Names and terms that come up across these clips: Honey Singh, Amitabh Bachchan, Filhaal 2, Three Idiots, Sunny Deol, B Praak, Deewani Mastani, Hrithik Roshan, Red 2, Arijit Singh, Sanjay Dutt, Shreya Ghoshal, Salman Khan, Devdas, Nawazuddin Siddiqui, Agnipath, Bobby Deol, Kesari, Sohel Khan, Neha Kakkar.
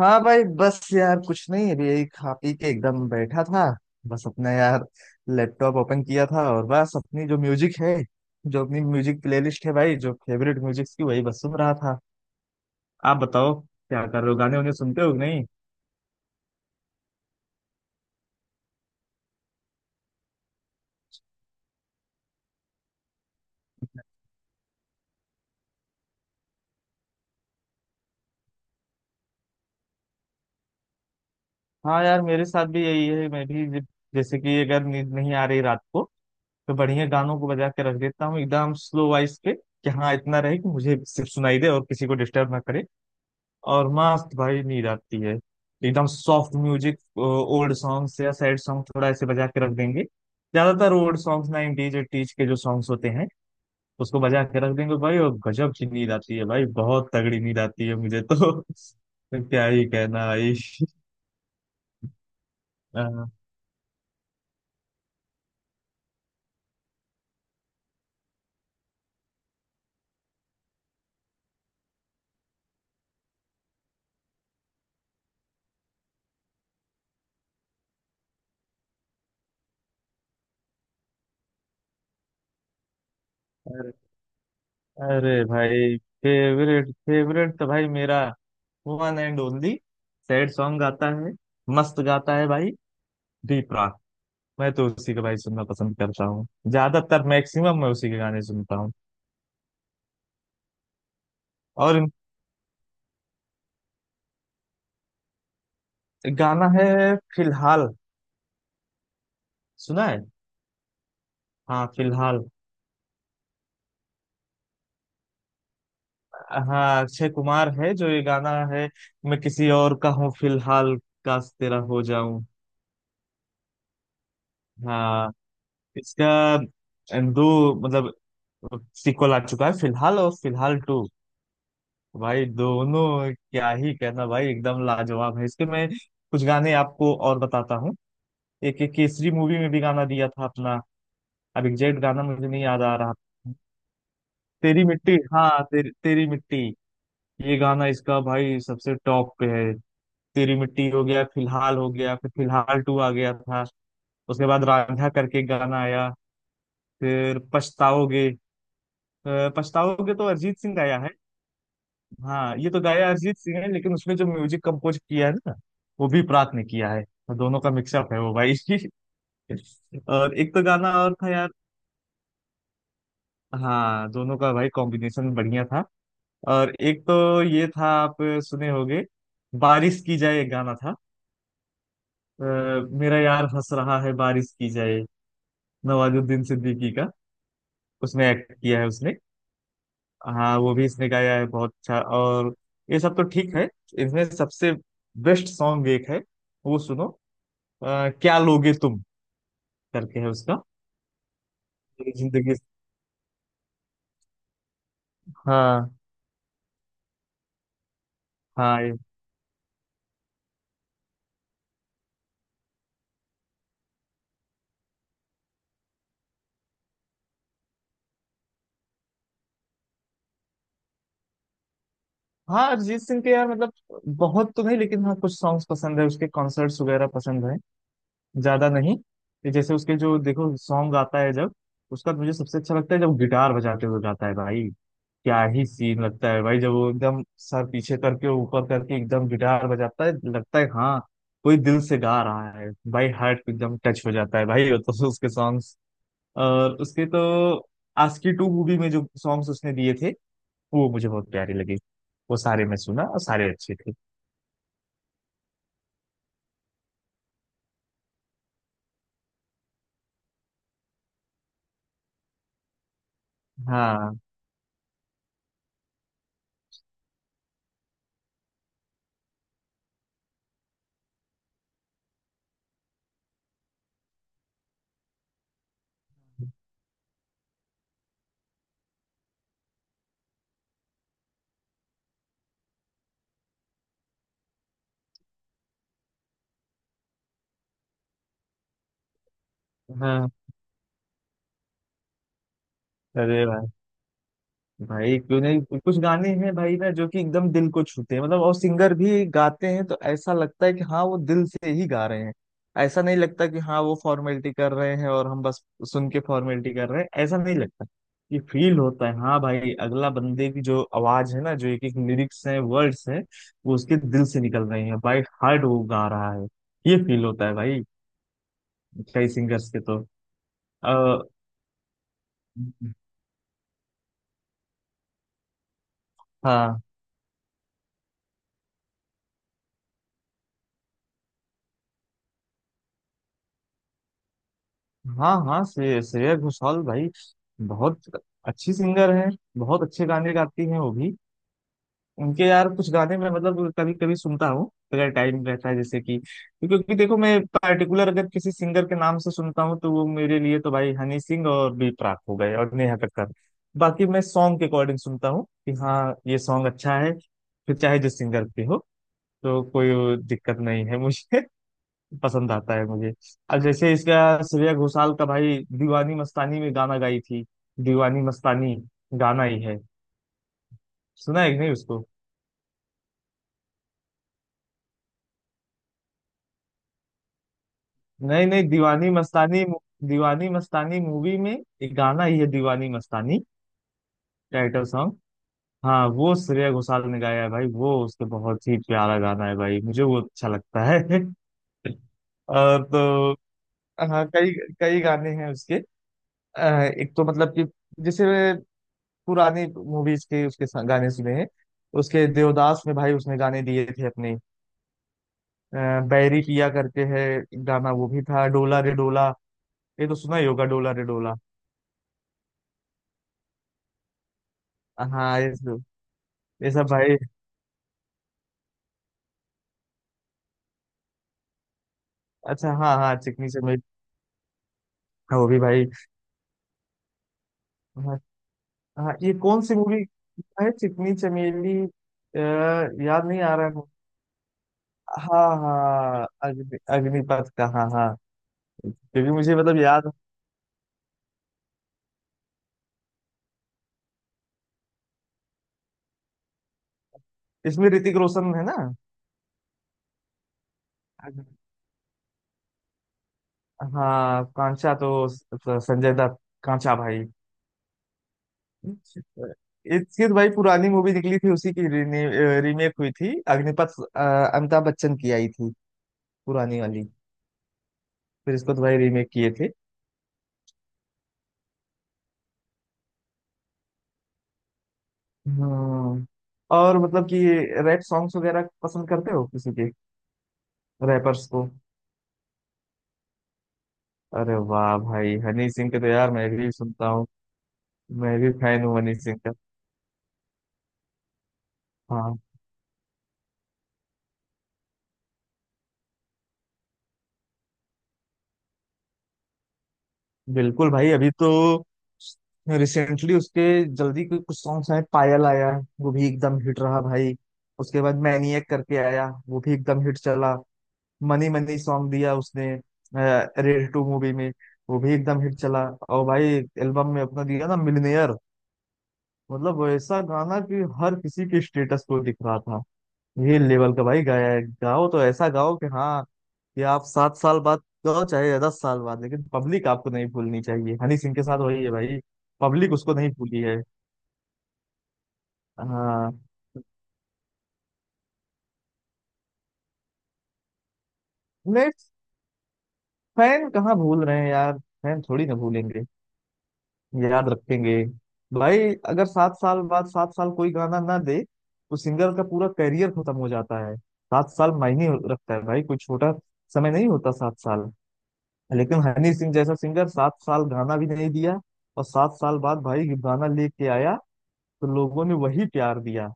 हाँ भाई, बस यार कुछ नहीं। अभी यही खा पी के एकदम बैठा था। बस अपना यार लैपटॉप ओपन किया था, और बस अपनी जो म्यूजिक है, जो अपनी म्यूजिक प्लेलिस्ट है भाई, जो फेवरेट म्यूजिक की वही बस सुन रहा था। आप बताओ क्या कर रहे हो, गाने उन्हें सुनते हो कि नहीं। हाँ यार मेरे साथ भी यही है। जैसे कि अगर नींद नहीं आ रही रात को तो बढ़िया गानों को बजा के रख देता हूँ एकदम स्लो वॉइस पे। कि हाँ इतना रहे कि मुझे सिर्फ सुनाई दे और किसी को डिस्टर्ब ना करे, और मस्त भाई नींद आती है। एकदम सॉफ्ट म्यूजिक, ओल्ड सॉन्ग्स या सैड सॉन्ग थोड़ा ऐसे बजा के रख देंगे। ज्यादातर ओल्ड सॉन्ग्स 90s एटीज के जो सॉन्ग्स होते हैं उसको बजा के रख देंगे भाई, और गजब की नींद आती है भाई, बहुत तगड़ी नींद आती है मुझे तो क्या ही कहना भाई। हाँ। अरे अरे भाई, फेवरेट फेवरेट तो भाई मेरा one and only. Sad song गाता है, मस्त गाता है भाई। डी। मैं तो उसी के भाई सुनना पसंद करता हूँ। ज्यादातर मैक्सिमम मैं उसी के गाने सुनता हूँ। और गाना है फिलहाल, सुना है। हाँ फिलहाल। हाँ अक्षय कुमार है जो ये गाना है। मैं किसी और का हूँ फिलहाल, काश तेरा हो जाऊं। हाँ, इसका दो, मतलब सीक्वल आ चुका है, फिलहाल और फिलहाल टू, भाई दोनों। क्या ही कहना भाई, एकदम लाजवाब है इसके। मैं कुछ गाने आपको और बताता हूँ। एक एक केसरी मूवी में भी गाना दिया था अपना। अब एग्जैक्ट गाना मुझे नहीं याद आ रहा। तेरी मिट्टी, हाँ तेरी, तेरी मिट्टी। ये गाना इसका भाई सबसे टॉप पे है। तेरी मिट्टी हो गया, फिलहाल हो गया, फिर फिलहाल टू आ गया था। उसके बाद रांझा करके एक गाना आया। फिर पछताओगे, पछताओगे तो अरिजीत सिंह गाया है। हाँ ये तो गाया अरिजीत सिंह है, लेकिन उसमें जो म्यूजिक कंपोज किया है ना, वो भी प्रात ने किया है। तो दोनों का मिक्सअप है वो भाई। और एक तो गाना और था यार। हाँ दोनों का भाई कॉम्बिनेशन बढ़िया था। और एक तो ये था, आप सुने होंगे, बारिश की जाए एक गाना था। अ, मेरा यार हंस रहा है, बारिश की जाए, नवाजुद्दीन सिद्दीकी का, उसमें एक्ट किया है उसने। हाँ वो भी इसने गाया है, बहुत अच्छा। और ये सब तो ठीक है। इसमें सबसे बेस्ट सॉन्ग एक है, वो सुनो। क्या लोगे तुम करके है उसका, मेरी जिंदगी। हाँ हाँ ये। हाँ अरिजीत सिंह के यार, मतलब बहुत तो नहीं, लेकिन हाँ कुछ सॉन्ग्स पसंद है उसके, कॉन्सर्ट्स वगैरह पसंद है। ज्यादा नहीं। ये जैसे उसके जो देखो सॉन्ग गाता है जब, उसका मुझे सबसे अच्छा लगता है जब गिटार बजाते हुए गाता है भाई। क्या ही सीन लगता है भाई, जब वो एकदम सर पीछे करके ऊपर करके एकदम गिटार बजाता है, लगता है हाँ कोई दिल से गा रहा है भाई। हार्ट को एकदम टच हो जाता है भाई, वो तो उसके सॉन्ग्स। और उसके तो आस्की टू मूवी में जो सॉन्ग्स उसने दिए थे, वो मुझे बहुत प्यारे लगे। वो सारे मैं सुना और सारे अच्छे थे। हाँ हाँ। अरे भाई, भाई क्यों नहीं, कुछ गाने हैं भाई ना जो कि एकदम दिल को छूते हैं। मतलब और सिंगर भी गाते हैं तो ऐसा लगता है कि हाँ वो दिल से ही गा रहे हैं। ऐसा नहीं लगता कि हाँ वो फॉर्मेलिटी कर रहे हैं और हम बस सुन के फॉर्मेलिटी कर रहे हैं, ऐसा नहीं लगता। ये फील होता है हाँ भाई, अगला बंदे की जो आवाज है ना, जो एक एक लिरिक्स है वर्ड्स है, वो उसके दिल से निकल रहे हैं। बाय हार्ट वो गा रहा है, ये फील होता है भाई। कई सिंगर्स के तो। आ, हाँ हाँ हाँ, श्रेया घोषाल भाई बहुत अच्छी सिंगर हैं, बहुत अच्छे गाने गाती हैं वो भी। उनके यार कुछ गाने मैं मतलब कभी कभी सुनता हूँ, अगर टाइम रहता है। जैसे कि, क्योंकि देखो मैं पर्टिकुलर अगर किसी सिंगर के नाम से सुनता हूँ तो वो मेरे लिए तो भाई हनी सिंह और बी प्राक हो गए और नेहा कक्कड़। बाकी मैं सॉन्ग के अकॉर्डिंग सुनता हूँ कि हाँ ये सॉन्ग अच्छा है, फिर चाहे जिस सिंगर पे हो, तो कोई दिक्कत नहीं है मुझे, पसंद आता है मुझे। अब जैसे इसका, श्रेया घोषाल का भाई दीवानी मस्तानी में गाना गाई थी। दीवानी मस्तानी गाना ही है, सुना है कि नहीं उसको। नहीं नहीं, दीवानी मस्तानी, दीवानी मस्तानी मूवी में एक गाना ही है दीवानी मस्तानी, टाइटल सॉन्ग। हाँ वो श्रेया घोषाल ने गाया है भाई, वो उसके बहुत ही प्यारा गाना है भाई, मुझे वो अच्छा लगता है। और तो हाँ कई, कई गाने हैं उसके। अ, एक तो मतलब कि, जैसे पुरानी मूवीज के उसके गाने सुने हैं, उसके देवदास में भाई उसने गाने दिए थे अपने। अ, बैरी पिया करके है गाना, वो भी था डोला रे डोला। ये तो सुना ही होगा डोला रे डोला। हाँ ये सब, ये सब भाई अच्छा। हाँ हाँ चिकनी चमेली, हाँ, वो भी भाई। हाँ हाँ, ये कौन सी मूवी है चिकनी चमेली, याद नहीं आ रहा है। हाँ हाँ, अग्निपथ का, हाँ हाँ। क्योंकि मुझे मतलब याद। इसमें ऋतिक रोशन है ना। हाँ कांचा तो संजय दत्त, कांचा भाई। इसकी तो भाई पुरानी मूवी निकली थी उसी की, रीमेक हुई थी अग्निपथ। अमिताभ बच्चन की आई थी, पुरानी वाली। फिर इसको तो भाई रीमेक किए थे। हम्म। और मतलब कि रैप सॉन्ग्स वगैरह पसंद करते हो किसी के, रैपर्स को। अरे वाह भाई, हनी सिंह के तो यार मैं भी सुनता हूँ, मैं भी फैन हूँ हनी सिंह का। हाँ बिल्कुल भाई। अभी तो रिसेंटली उसके जल्दी के कुछ सॉन्ग्स आए, पायल आया, वो भी एकदम हिट रहा भाई। उसके बाद मैनिएक करके आया, वो भी एकदम हिट चला। मनी मनी सॉन्ग दिया उसने रेड टू मूवी में, वो भी एकदम हिट चला। और भाई एल्बम में अपना दिया ना मिलनेयर। मतलब वो ऐसा गाना कि हर किसी के स्टेटस को दिख रहा था, ये लेवल का भाई गाया। गाओ तो ऐसा गाओ कि हाँ, कि आप 7 साल बाद गाओ चाहे 10 साल बाद, लेकिन पब्लिक आपको नहीं भूलनी चाहिए। हनी सिंह के साथ वही है भाई, पब्लिक उसको नहीं भूली है। हाँ नहीं, फैन कहाँ भूल रहे हैं यार, फैन थोड़ी ना भूलेंगे, याद रखेंगे भाई। अगर 7 साल बाद 7 साल कोई गाना ना दे तो सिंगर का पूरा करियर खत्म हो जाता है। 7 साल मायने रखता है भाई, कोई छोटा समय नहीं होता 7 साल। लेकिन हनी सिंह जैसा सिंगर 7 साल गाना भी नहीं दिया, और 7 साल बाद भाई गाना लेके आया, तो लोगों ने वही प्यार दिया,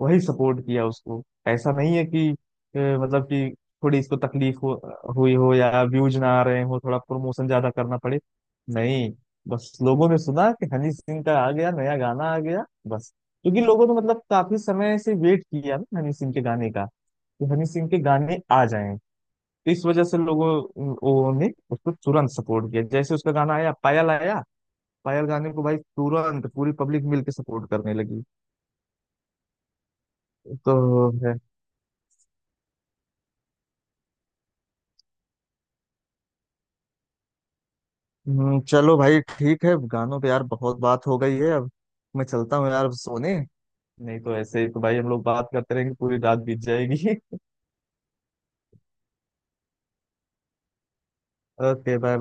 वही सपोर्ट किया उसको। ऐसा नहीं है कि मतलब कि थोड़ी इसको तकलीफ हो, हुई हो, या व्यूज ना आ रहे हो, थोड़ा प्रमोशन ज्यादा करना पड़े। नहीं, बस लोगों ने सुना कि हनी सिंह का आ गया, नया गाना आ गया बस। क्योंकि लोगों ने मतलब काफी समय से वेट किया ना हनी सिंह के गाने का, कि हनी सिंह के गाने आ जाएं। इस वजह से लोगों, वो ने उसको तुरंत सपोर्ट किया। जैसे उसका गाना आया पायल आया, पायल गाने को भाई तुरंत पूरी पब्लिक मिलके सपोर्ट करने लगी। तो है। चलो भाई ठीक है, गानों पे यार बहुत बात हो गई है अब। मैं चलता हूँ यार अब सोने, नहीं तो ऐसे ही तो भाई हम लोग बात करते रहेंगे, पूरी रात बीत जाएगी। Okay bye.